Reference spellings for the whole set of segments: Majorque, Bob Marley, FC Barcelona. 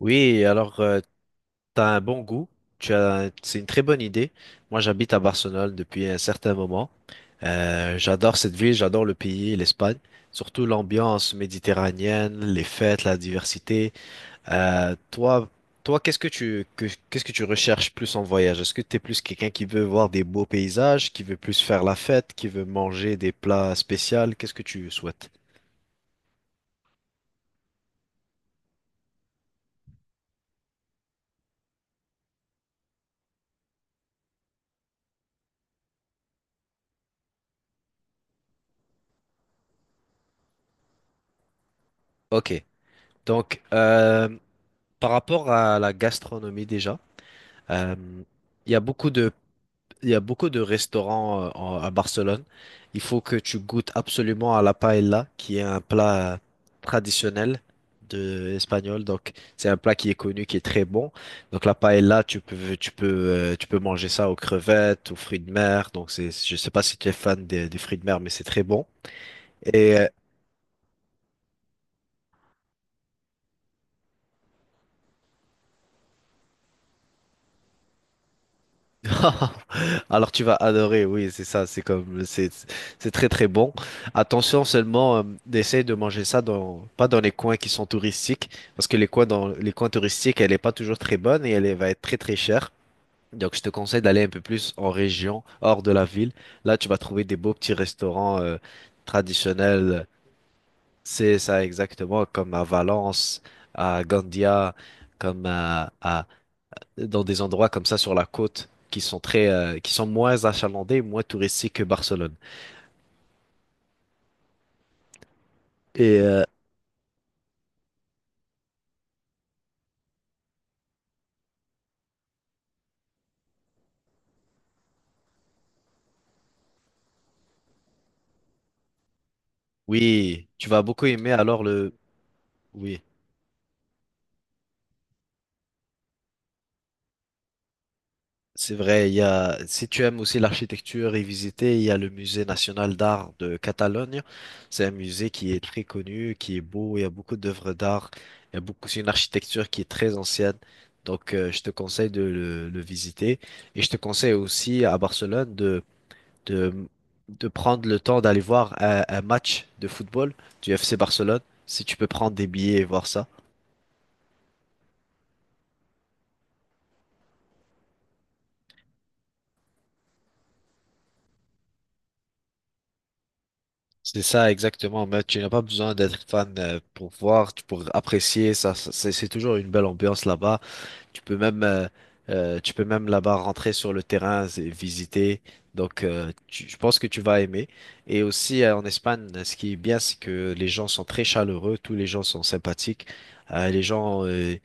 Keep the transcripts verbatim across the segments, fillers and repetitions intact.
Oui, alors euh, t'as un bon goût, tu as, c'est une très bonne idée. Moi, j'habite à Barcelone depuis un certain moment. Euh, j'adore cette ville, j'adore le pays, l'Espagne, surtout l'ambiance méditerranéenne, les fêtes, la diversité. Euh, toi, toi, qu'est-ce que tu que- qu'est-ce que tu recherches plus en voyage? Est-ce que t'es plus quelqu'un qui veut voir des beaux paysages, qui veut plus faire la fête, qui veut manger des plats spéciaux? Qu'est-ce que tu souhaites? Ok, donc euh, par rapport à la gastronomie déjà. Euh, il y a beaucoup de, il y a beaucoup de restaurants euh, en- à Barcelone. Il faut que tu goûtes absolument à la paella, qui est un plat euh, traditionnel de espagnol. Donc, c'est un plat qui est connu, qui est très bon. Donc, la paella, tu peux, tu peux, euh, tu peux manger ça aux crevettes, aux fruits de mer. Donc, c'est, je sais pas si tu es fan des, des fruits de mer, mais c'est très bon. Et Alors tu vas adorer, oui, c'est ça, c'est comme c'est c'est très très bon. Attention seulement, euh, d'essayer de manger ça dans pas dans les coins qui sont touristiques, parce que les coins dans les coins touristiques, elle est pas toujours très bonne et elle est- va être très très chère. Donc je te conseille d'aller un peu plus en région, hors de la ville. Là, tu vas trouver des beaux petits restaurants euh, traditionnels. C'est ça exactement comme à Valence, à Gandia, comme à, à dans des endroits comme ça sur la côte qui sont très euh, qui sont moins achalandés, moins touristiques que Barcelone. Et euh, oui, tu vas beaucoup aimer alors le oui, c'est vrai, il y a si tu aimes aussi l'architecture et visiter, il y a le Musée national d'art de Catalogne. C'est un musée qui est très connu, qui est beau, il y a beaucoup d'œuvres d'art, il y a beaucoup c'est une architecture qui est très ancienne. Donc, euh, je te conseille de le, le visiter. Et je te conseille aussi à Barcelone de de, de prendre le temps d'aller voir un, un match de football du F C Barcelone, si tu peux prendre des billets et voir ça. C'est ça exactement, mais tu n'as pas besoin d'être fan euh, pour voir, tu- pour apprécier ça. ça- C'est c'est toujours une belle ambiance là-bas. Tu peux même, euh, euh, tu peux même là-bas rentrer sur le terrain et visiter. Donc, euh, tu- je pense que tu vas aimer. Et aussi euh, en Espagne, ce qui est bien, c'est que les gens sont très chaleureux, tous les gens sont sympathiques. Euh, les gens, euh,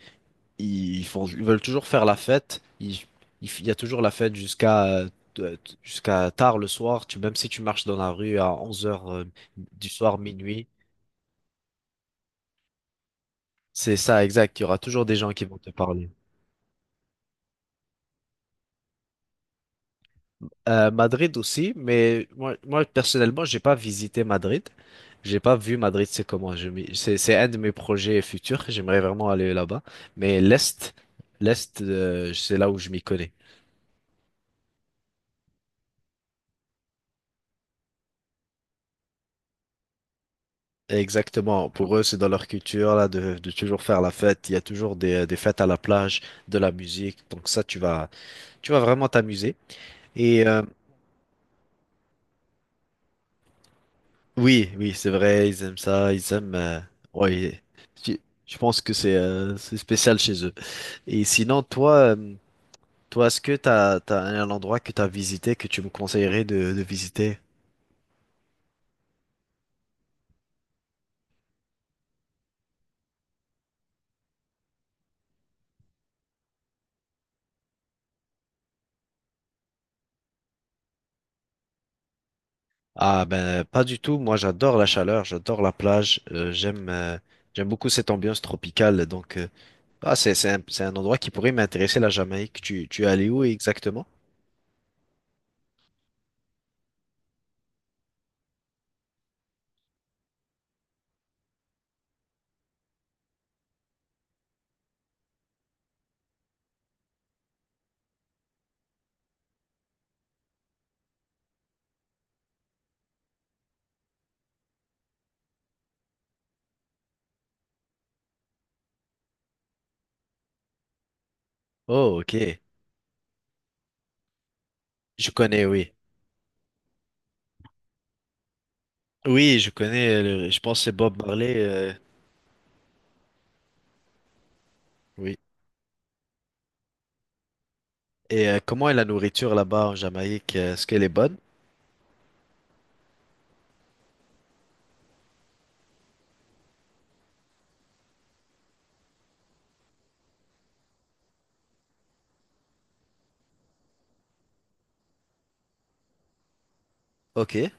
ils font, ils veulent toujours faire la fête. Ils- ils- Il y a toujours la fête jusqu'à euh, t- t- jusqu'à tard le soir. Tu, même si tu marches dans la rue à onze heures euh, du soir, minuit, c'est ça, exact. Il y aura toujours des gens qui vont te parler. Euh, Madrid aussi, mais moi, moi personnellement, j'ai pas visité Madrid. J'ai pas vu Madrid, c'est comment. Je m'y- C'est c'est un de mes projets futurs. J'aimerais vraiment aller là-bas. Mais l'Est, l'Est, euh, c'est là où je m'y connais. Exactement. Pour eux, c'est dans leur culture là de, de toujours faire la fête. Il y a toujours des, euh, des fêtes à la plage, de la musique. Donc ça, tu vas, tu vas vraiment t'amuser. Et euh, oui, oui, c'est vrai. Ils aiment ça. Ils aiment. euh, ouais. Je, je pense que c'est euh, c'est spécial chez eux. Et sinon, toi, euh, toi, est-ce que t'as t'as un endroit que t'as visité que tu me conseillerais de, de visiter? Ah ben pas du tout. Moi j'adore la chaleur, j'adore la plage. euh, j'aime euh, j'aime beaucoup cette ambiance tropicale. Donc euh, ah c'est c'est un, c'est un endroit qui pourrait m'intéresser la Jamaïque. Tu tu es allé où exactement? Oh ok. Je connais oui. Oui je connais. Euh, le- je pense que c'est Bob Marley. Euh, oui. Et euh, comment est la nourriture là-bas en Jamaïque? euh, Est-ce qu'elle est bonne? Ok.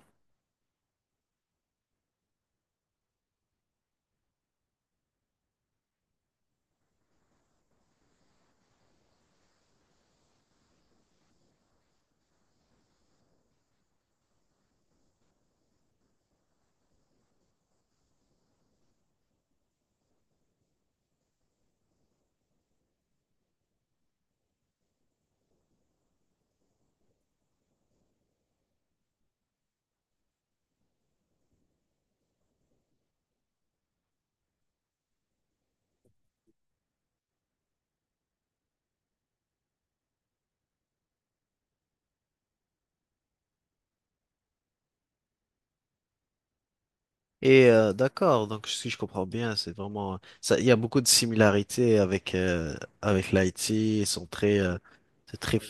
Et euh, d'accord, donc si je comprends bien, c'est vraiment ça. Il y a beaucoup de similarités avec euh, avec l'Haïti. Ils sont très, euh, c'est très.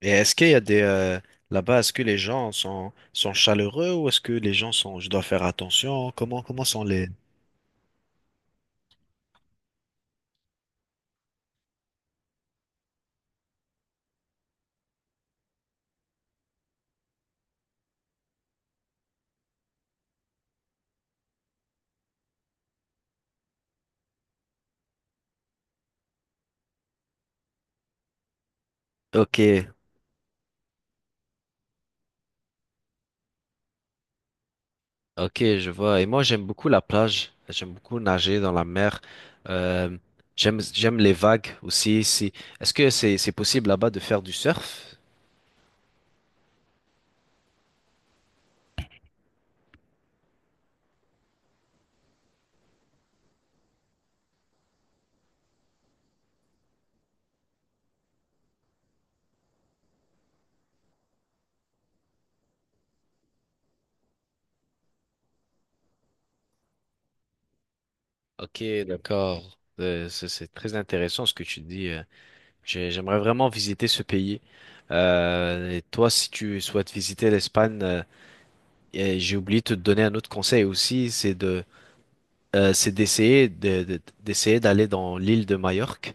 Et est-ce qu'il y a des euh, là-bas, est-ce que les gens sont sont chaleureux ou est-ce que les gens sont, je dois faire attention? Comment comment sont les? Ok, ok, je vois. Et moi, j'aime beaucoup la plage. J'aime beaucoup nager dans la mer. Euh, j'aime, j'aime les vagues aussi. Si, est-ce que c'est, c'est possible là-bas de faire du surf? Ok, d'accord. Euh, c'est c'est très intéressant ce que tu dis. euh. J'ai- J'aimerais vraiment visiter ce pays. Euh, et toi, si tu souhaites visiter l'Espagne, euh, et j'ai oublié de te donner un autre conseil aussi, c'est de, euh, c'est d'essayer de, de- d'essayer d'aller dans l'île de Majorque.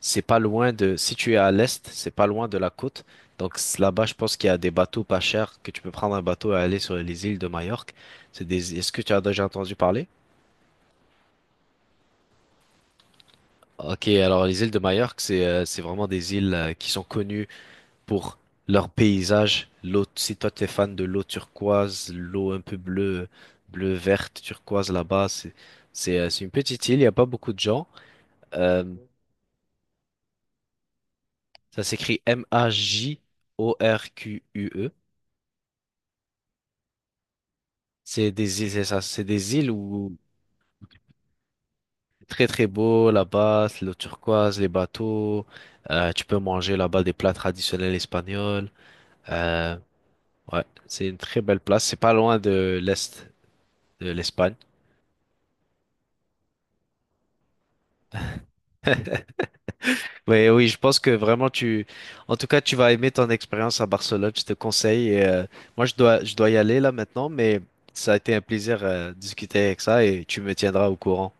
C'est pas loin de, si tu es à l'est, c'est pas loin de la côte. Donc c- là-bas, je pense qu'il y a des bateaux pas chers que tu peux prendre un bateau et aller sur les îles de Majorque. C'est des, est-ce que tu as déjà entendu parler? Ok, alors les îles de Majorque, c'est euh, c'est vraiment des îles euh, qui sont connues pour leur paysage. L'eau, si toi t'es fan de l'eau turquoise, l'eau un peu bleue, bleu verte turquoise là-bas, c'est c'est euh, c'est une petite île. Il n'y a pas beaucoup de gens. Euh, Ça s'écrit M A J O R Q U E. C'est des îles, c'est ça, c'est des îles où très très beau là-bas, c'est l'eau turquoise, les bateaux. Euh, tu peux manger là-bas des plats traditionnels espagnols. euh, Ouais, c'est une très belle place. C'est pas loin de l'Est de l'Espagne. Oui, oui, je pense que vraiment tu, en tout cas, tu vas aimer ton expérience à Barcelone. Je te conseille. Et, euh, moi, je dois, je dois y aller là maintenant, mais ça a été un plaisir euh, de discuter avec ça et tu me tiendras au courant.